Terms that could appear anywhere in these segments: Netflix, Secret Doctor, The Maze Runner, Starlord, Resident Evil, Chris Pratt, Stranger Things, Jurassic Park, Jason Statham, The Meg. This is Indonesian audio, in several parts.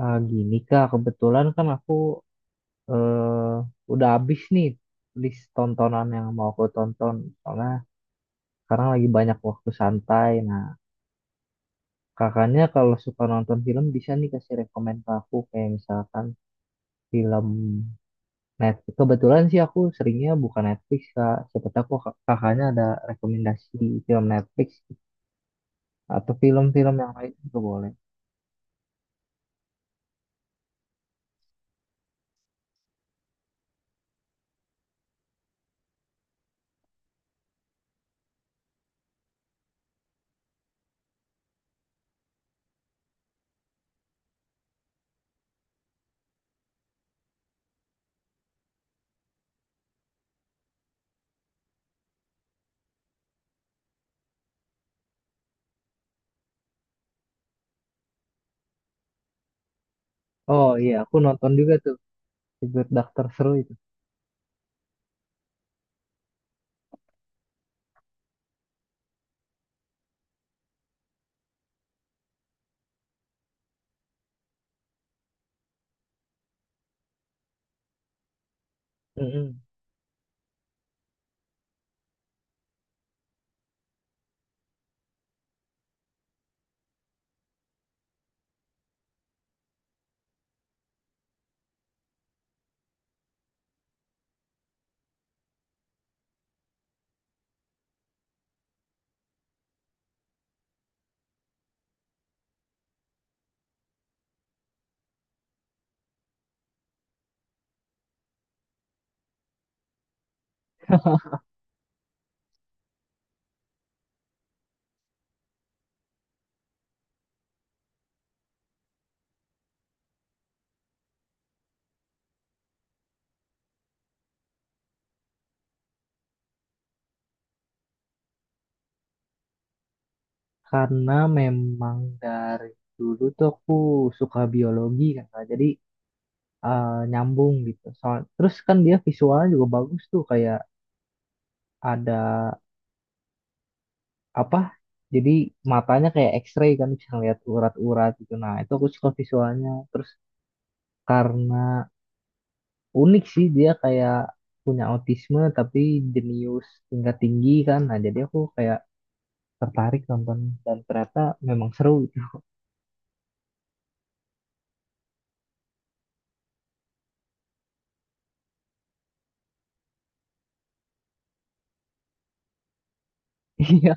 Ah, gini Kak, kebetulan kan aku eh, udah habis nih list tontonan yang mau aku tonton. Soalnya sekarang lagi banyak waktu santai. Nah, kakaknya kalau suka nonton film bisa nih kasih rekomen ke aku. Kayak misalkan film Netflix. Kebetulan sih aku seringnya buka Netflix Kak. Siapa tahu kakaknya ada rekomendasi film Netflix atau film-film yang lain juga boleh. Oh iya, aku nonton juga tuh. Secret Doctor seru itu. Mm-mm. Karena memang dari dulu tuh aku suka biologi kan, Kak. Jadi nyambung gitu. Soal, terus kan dia visualnya juga bagus tuh, kayak ada apa? Jadi matanya kayak X-ray kan bisa ngeliat urat-urat gitu. Nah itu aku suka visualnya. Terus karena unik sih dia kayak punya autisme tapi jenius tingkat tinggi kan. Nah jadi aku kayak tertarik nonton dan ternyata memang seru gitu. Iya.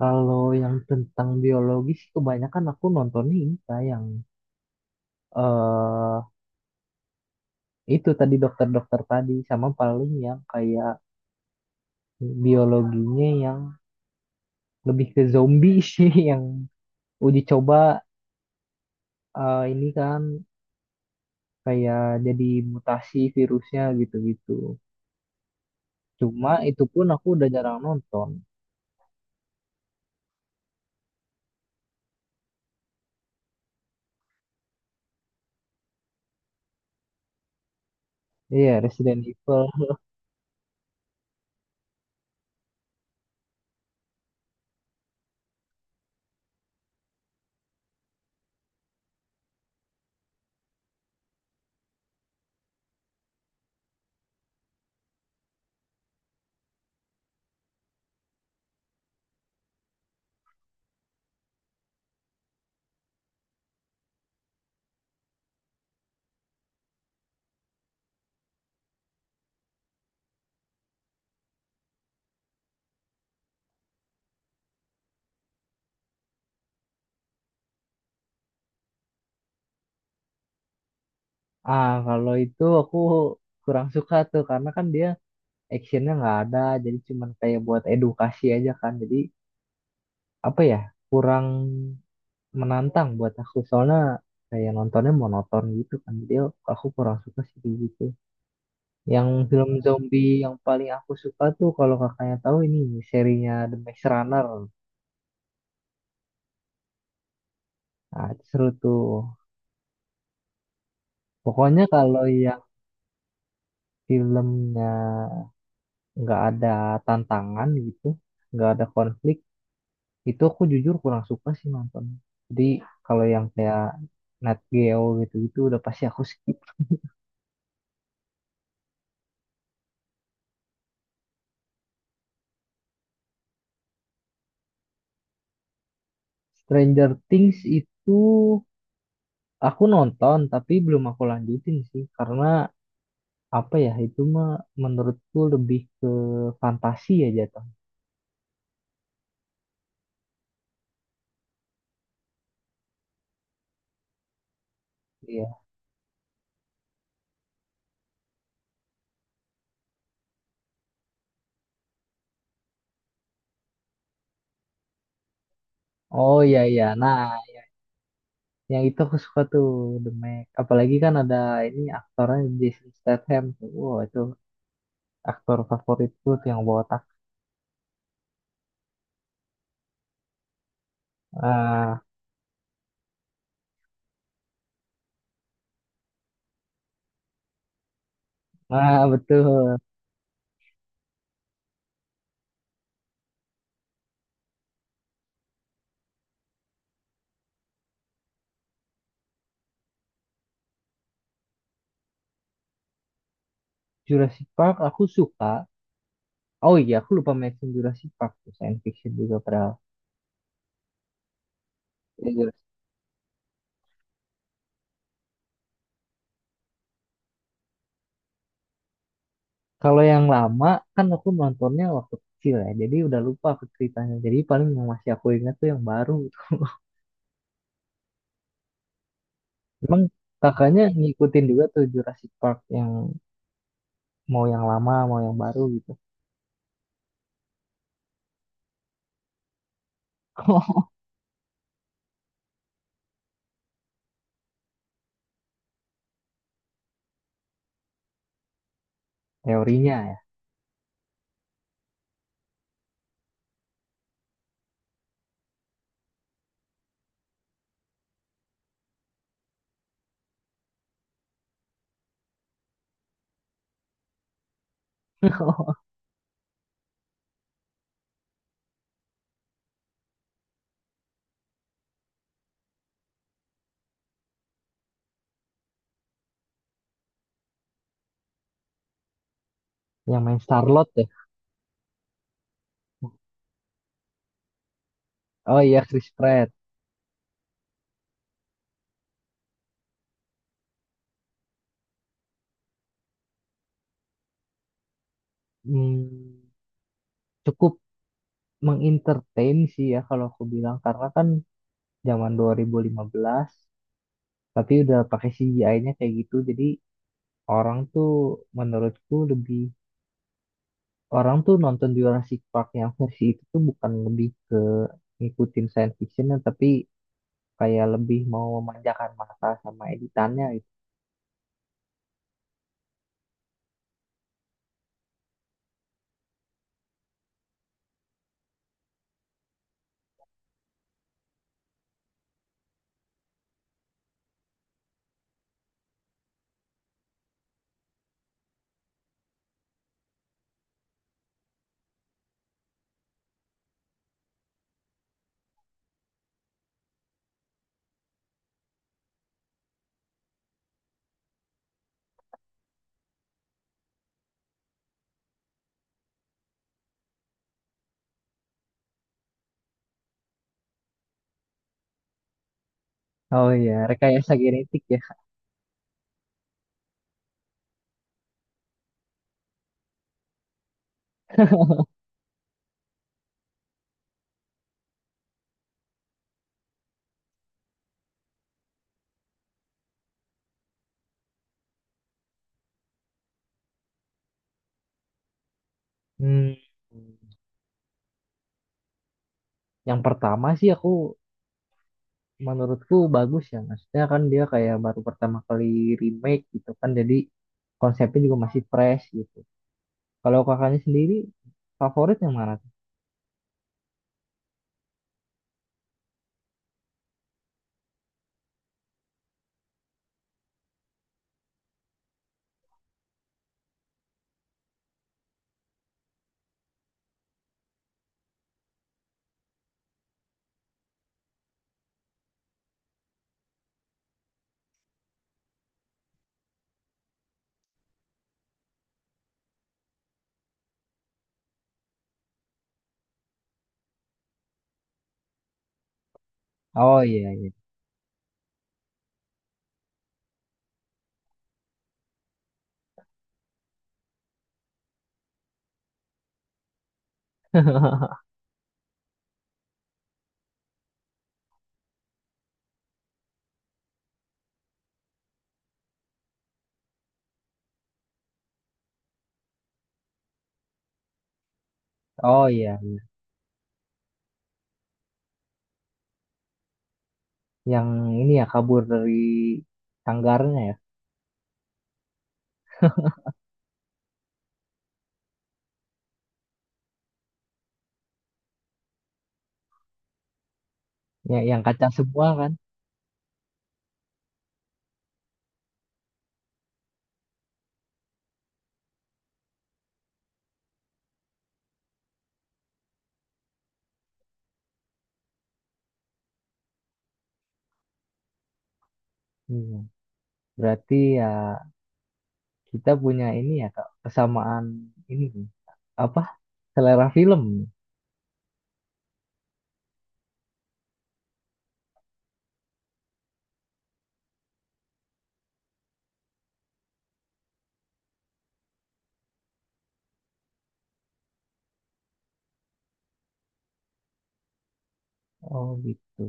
Kalau yang tentang biologi sih kebanyakan aku nontonnya ini Kak, yang eh itu tadi dokter-dokter tadi sama paling yang kayak biologinya yang lebih ke zombie sih yang uji coba ini kan kayak jadi mutasi virusnya gitu-gitu. Cuma itu pun aku udah jarang nonton. Iya, Resident Evil. Ah, kalau itu aku kurang suka tuh karena kan dia actionnya nggak ada, jadi cuman kayak buat edukasi aja kan. Jadi apa ya kurang menantang buat aku soalnya kayak nontonnya monoton gitu kan jadi aku kurang suka sih kayak gitu yang film zombie yang paling aku suka tuh kalau kakaknya tahu ini serinya The Maze Runner. Nah itu seru tuh pokoknya kalau yang filmnya nggak ada tantangan gitu, nggak ada konflik, itu aku jujur kurang suka sih nonton. Jadi kalau yang kayak Nat Geo gitu-gitu udah pasti aku skip. Stranger Things itu aku nonton tapi belum aku lanjutin sih karena apa ya itu mah menurutku lebih ke fantasi ya jatuh. Iya. Oh iya iya. Nah, yang itu aku suka tuh The Meg. Apalagi kan ada ini aktornya Jason Statham tuh. Wow, itu aktor favoritku tuh yang botak. Ah, ah betul. Jurassic Park aku suka. Oh iya, aku lupa mention Jurassic Park tuh, science fiction juga padahal. Kalau yang lama kan aku nontonnya waktu kecil ya, jadi udah lupa aku ceritanya. Jadi paling yang masih aku ingat tuh yang baru. Emang kakaknya ngikutin juga tuh Jurassic Park yang mau yang lama, mau yang baru gitu. Teorinya ya, yang main Starlord ya. Oh iya Chris Pratt. Hmm, cukup mengentertain sih ya kalau aku bilang karena kan zaman 2015 tapi udah pakai CGI-nya kayak gitu jadi orang tuh menurutku lebih orang tuh nonton Jurassic Park yang versi itu tuh bukan lebih ke ngikutin science fiction tapi kayak lebih mau memanjakan mata sama editannya gitu. Oh iya, rekayasa genetik ya. Hmm. Yang pertama sih aku menurutku bagus ya. Maksudnya kan dia kayak baru pertama kali remake gitu kan. Jadi konsepnya juga masih fresh gitu. Kalau kakaknya sendiri favorit yang mana tuh? Oh iya iya. Oh iya, yang ini ya kabur dari sanggarnya ya. Ya, yang kacang semua kan. Iya. Berarti ya kita punya ini ya Kak, kesamaan ini nih. Apa, selera film. Oh gitu.